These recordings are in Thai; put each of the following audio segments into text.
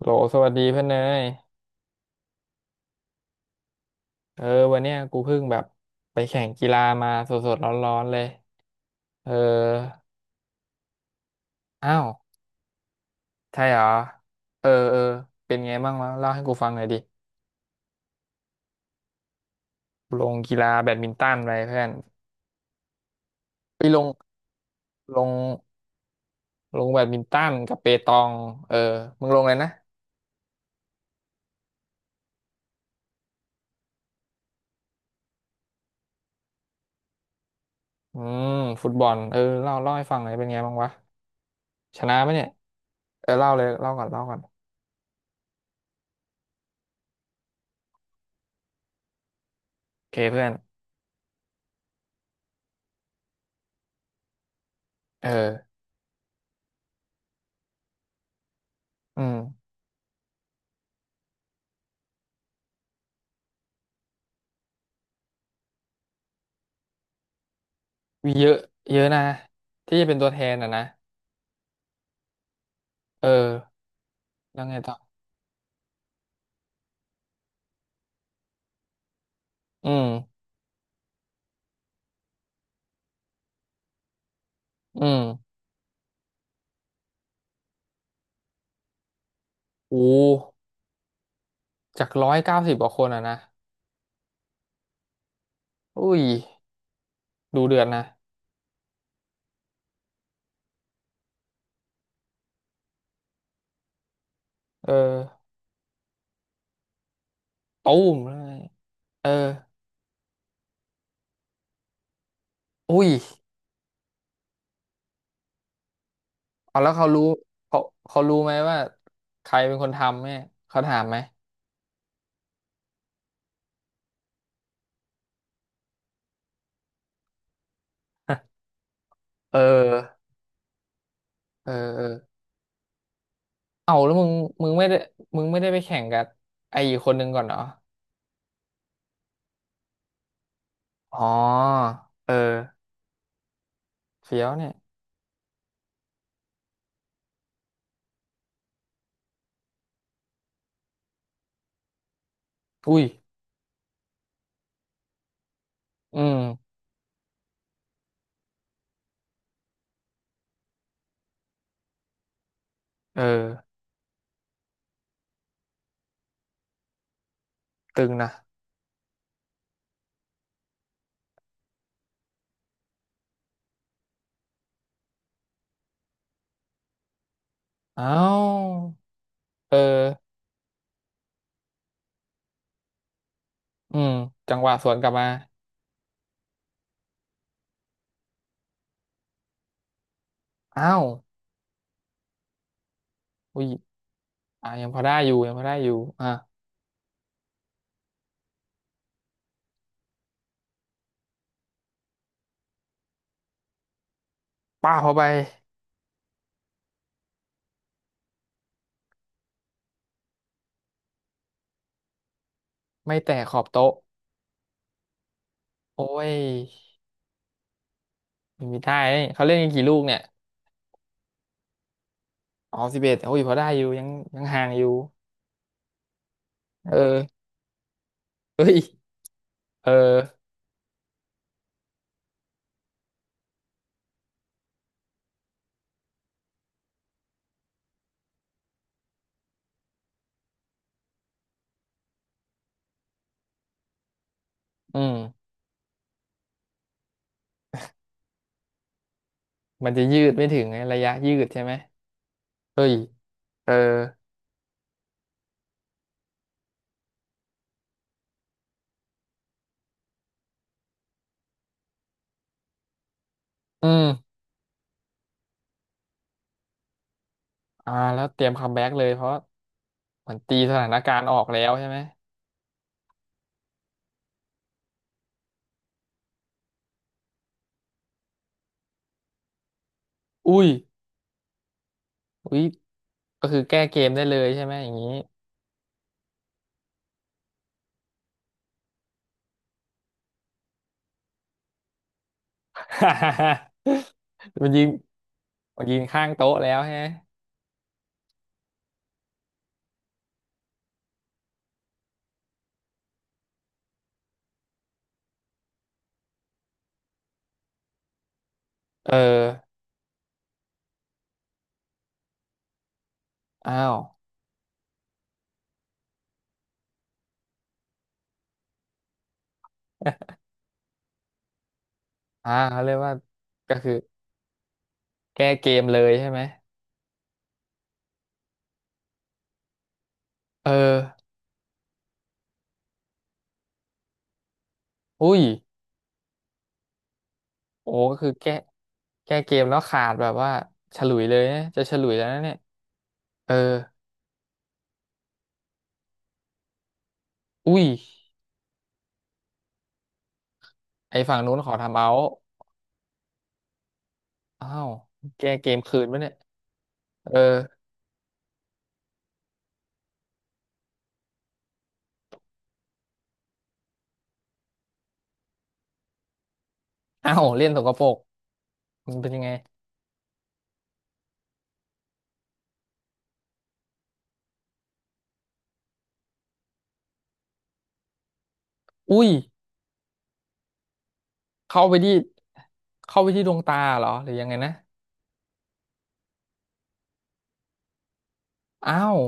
โหลสวัสดีเพื่อนเนยเออวันเนี้ยกูเพิ่งแบบไปแข่งกีฬามาสดๆร้อนๆเลยเอออ้าวใช่เหรอเออเออเป็นไงบ้างวะเล่าให้กูฟังหน่อยดิลงกีฬาแบดมินตันไปเพื่อนไปลงลงลงแบดมินตันกับเปตองเออมึงลงเลยนะอืมฟุตบอลเออเล่าเล่าให้ฟังหน่อยเป็นไงบ้างวะชนะปะเนี่ยเออเล่าเลยเล่าก่อนเล่าก่อนโอเคเพื่อนเอออืมมีเยอะเยอะนะที่จะเป็นตัวแทนอ่ะนะเออ แล้วไงต่ออืมอืมโอ้จาก190 กว่าคนอ่ะนะอุ้ยดูเดือดนะเออตูมเลยเอออุ้ยเอาแล้วเขารู้เขาเขารู้ไหมว่าใครเป็นคนทำเนี่ยเขาถามไหม เออเออเออเอาแล้วมึงมึงไม่ได้มึงไม่ได้ไปแข่งกับไอ้อีกคนนึงก่อนเหรอ อ๋อเออเฟี้ยวเนี่ยอุ้ย อืมเออตึงนะเอ้าเออ อืมจังหวะสวนกลับมา อ้าวอุ้ยอ่ะยังพอได้อยู่ยังพอได้อยู่อ่ะป้าบเข้าไปไม่แตะขอบโต๊ะโอ้ยไม่มีได้นี่เขาเล่นกันกี่ลูกเนี่ยอ๋อ11โอ้ยพอได้อยู่ยังยังห่างอยู่เออเฮ้ยเอออืมมันจะยืดไม่ถึงไงระยะยืดใช่ไหมเฮ้ยเอออืมอ่าแล้วเตรียมคัมแบ็กเลยเพราะเหมือนตีสถานการณ์ออกแล้วใช่ไหมอุ้ยอุ้ยก็คือแก้เกมได้เลยใช่ไหมอย่างนี้ มันยิงมันยิงข้างโต๊ะแล้วใช่ไหมเออ อ้าวอ่าเขาเรียกว่าก็คือแก้เกมเลยใช่ไหมเอออุ้ยโอ้ก็คือแก้แก้เกมแล้วขาดแบบว่าฉลุยเลยนะจะฉลุยแล้วนะเนี่ยเอออุ้ยไอฝั่งนู้นขอทำเอาท์อ้าวแก้เกมคืนปะเนี่ยเอออ้าวเล่นสกปรกมันเป็นยังไงอุ้ยเข้าไปที่เข้าไปที่ดวงตาเหรอหรือยังไงนะอ้าว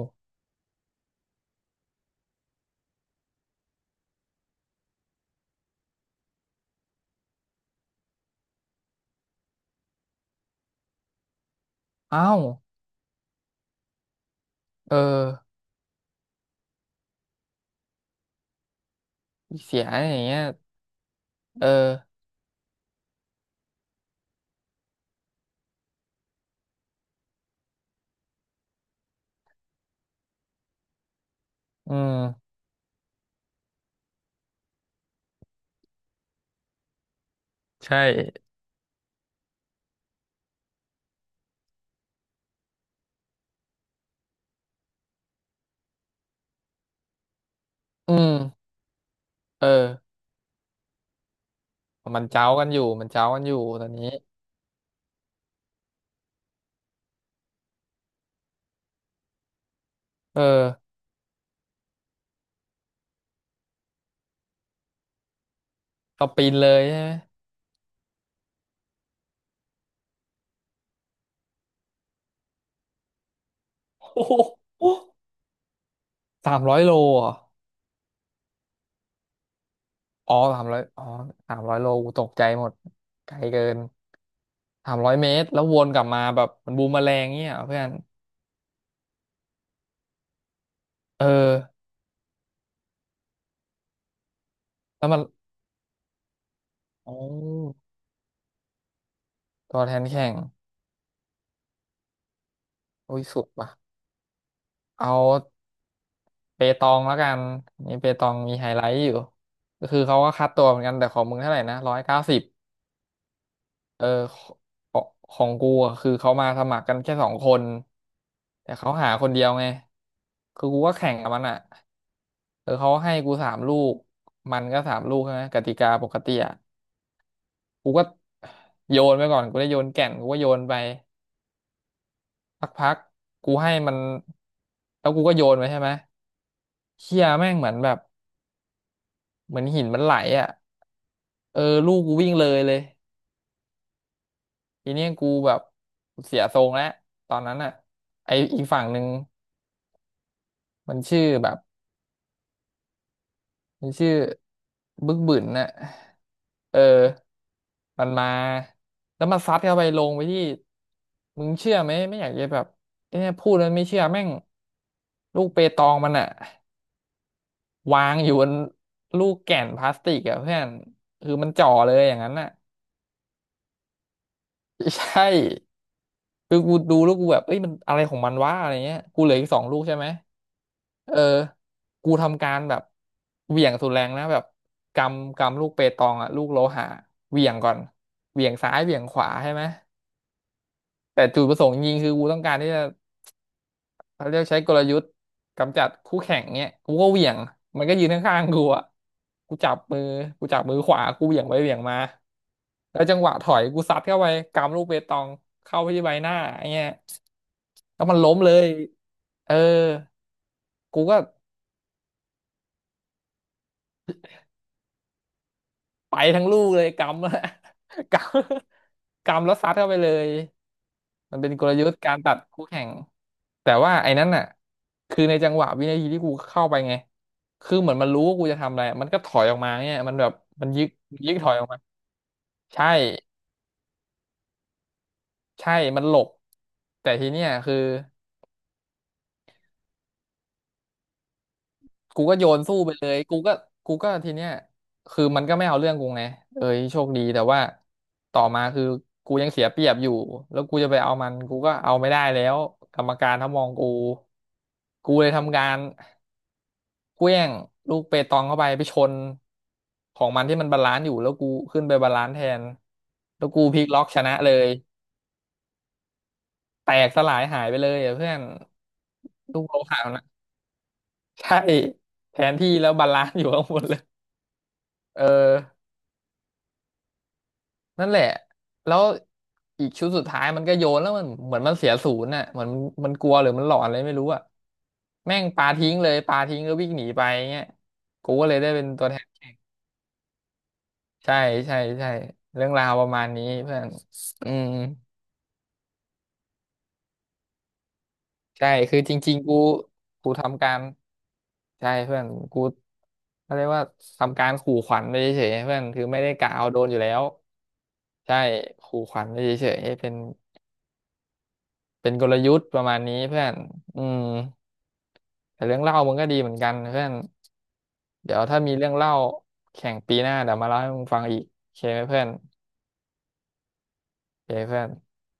อ้าวเออเสียอย่างเงี้ยเอออืมใช่อืมเออ มันเจ้ากันอยู่มันเจ้ากันอยู่ตอนนี้เออก็ปีนเลยใช่ไหมโอ้โห 300 โลเหรออ๋อสามร้อยอ๋อสามร้อยโลกูตกใจหมดไกลเกิน300 เมตรแล้ววนกลับมาแบบมันบูมแมอแรงเงี้ยเหรอเพื่อนเออแล้วมันโอ้ตัวแทนแข่งโอ้ยสุดว่ะเอาเปตองแล้วกันนี่เปตองมีไฮไลท์อยู่ก็คือเขาก็คัดตัวเหมือนกันแต่ของมึงเท่าไหร่นะร้อยเก้าสิบ เออของของกูอะคือเขามาสมัครกันแค่2 คนแต่เขาหาคนเดียวไงคือกูก็แข่งกับมันอ่ะเออเขาให้กูสามลูกมันก็สามลูกใช่ไหมกติกาปกติอ่ะกูก็โยนไปก่อนกูได้โยนแก่นกูก็โยนไปสักพักกูให้มันแล้วกูก็โยนไปใช่ไหมเชี่ยแม่งเหมือนแบบเหมือนหินมันไหลอ่ะเออลูกกูวิ่งเลยเลยทีเนี้ยกูแบบเสียทรงแล้วตอนนั้นอ่ะไออีกฝั่งหนึ่ง มันชื่อแบบมันชื่อบึกบึนน่ะ เออมันมาแล้วมันซัดเข้าไปลงไปที่มึงเชื่อไหมไม่อยากจะแบบเนี่ยพูดแล้วไม่เชื่อแม่งลูกเปตองมันอะวางอยู่บนลูกแก่นพลาสติกอะเพื่อนคือมันจ่อเลยอย่างนั้นน่ะ ใช่ คือกูดูแล้วกูแบบเอ้ยมันอะไรของมันวะอะไรเงี้ยกูเหลืออีก2 ลูกใช่ไหมเออกูทำการแบบเหวี่ยงสุดแรงนะแบบกำกำลูกเปตองอะลูกโลหะเหวี่ยงก่อนเหวี่ยงซ้ายเหวี่ยงขวาใช่ไหมแต่จุดประสงค์จริงๆคือกูต้องการที่จะเขาเรียกใช้กลยุทธ์กำจัดคู่แข่งเนี้ยกูก็เหวี่ยงมันก็ยืนข้างๆกูอะกูจับมือกูจับมือขวากูเหวี่ยงไปเหวี่ยงมาแล้วจังหวะถอยกูซัดเข้าไปกำลูกเปตองเข้าไปที่ใบหน้าไอ้เงี้ย ก็มันล้มเลยเออกูก็ไปทั้งลูกเลยกำแล้ว กำกำแล้วซัดเข้าไปเลย มันเป็นกลยุทธ์การตัดคู่แข่งแต่ว่าไอ้นั้นน่ะคือในจังหวะวินาทีที่กูเข้าไปไง คือเหมือนมันรู้ว่ากูจะทำอะไร มันก็ถอยออกมาเนี่ยมันแบบมันยึกมันยึกถอยออกมา ใช่ใช่มันหลบแต่ทีเนี้ยคือ กูก็โยนสู้ไปเลยกูก็กูก็ทีเนี้ยคือมันก็ไม่เอาเรื่องกูไงเอ้ยโชคดีแต่ว่าต่อมาคือกูยังเสียเปรียบอยู่แล้วกูจะไปเอามันกูก็เอาไม่ได้แล้วกรรมการถ้ามองกูกูเลยทำการเขว้งลูกเปตองเข้าไปไปชนของมันที่มันบาลานซ์อยู่แล้วกูขึ้นไปบาลานซ์แทนแล้วกูพลิกล็อกชนะเลยแตกสลายหายไปเลยอะเพื่อนลูกโลหะนะใช่แทนที่แล้วบาลานซ์อยู่ข้างบนเลยเออ นั่นแหละแล้วอีกชุดสุดท้ายมันก็โยนแล้วมันเหมือนมันเสียศูนย์น่ะเหมือนมันกลัวหรือมันหลอนอะไรไม่รู้อ่ะแม่งปาทิ้งเลยปาทิ้งก็วิ่งหนีไปเงี้ยกูก็เลยได้เป็นตัวแทนใช่ใช่ใช่เรื่องราวประมาณนี้เพื่อนอืมใช่คือจริงๆกูกูทำการใช่เพื่อนกูเขาเรียกว่าทำการขู่ขวัญไปเฉยๆเพื่อนคือไม่ได้กะเอาโดนอยู่แล้วใช่ขู่ขวัญไปเฉยๆเป็น เป็นกลยุทธ์ประมาณนี้เพื่อนอืมแต่เรื่องเล่ามึงก็ดีเหมือนกันเพื่อนเดี๋ยวถ้ามีเรื่องเล่าแข่งปีหน้าเดี๋ยวมาเล่าให้มึงฟังอีกโอเคไหมเพื่อนโอเคเพื่อน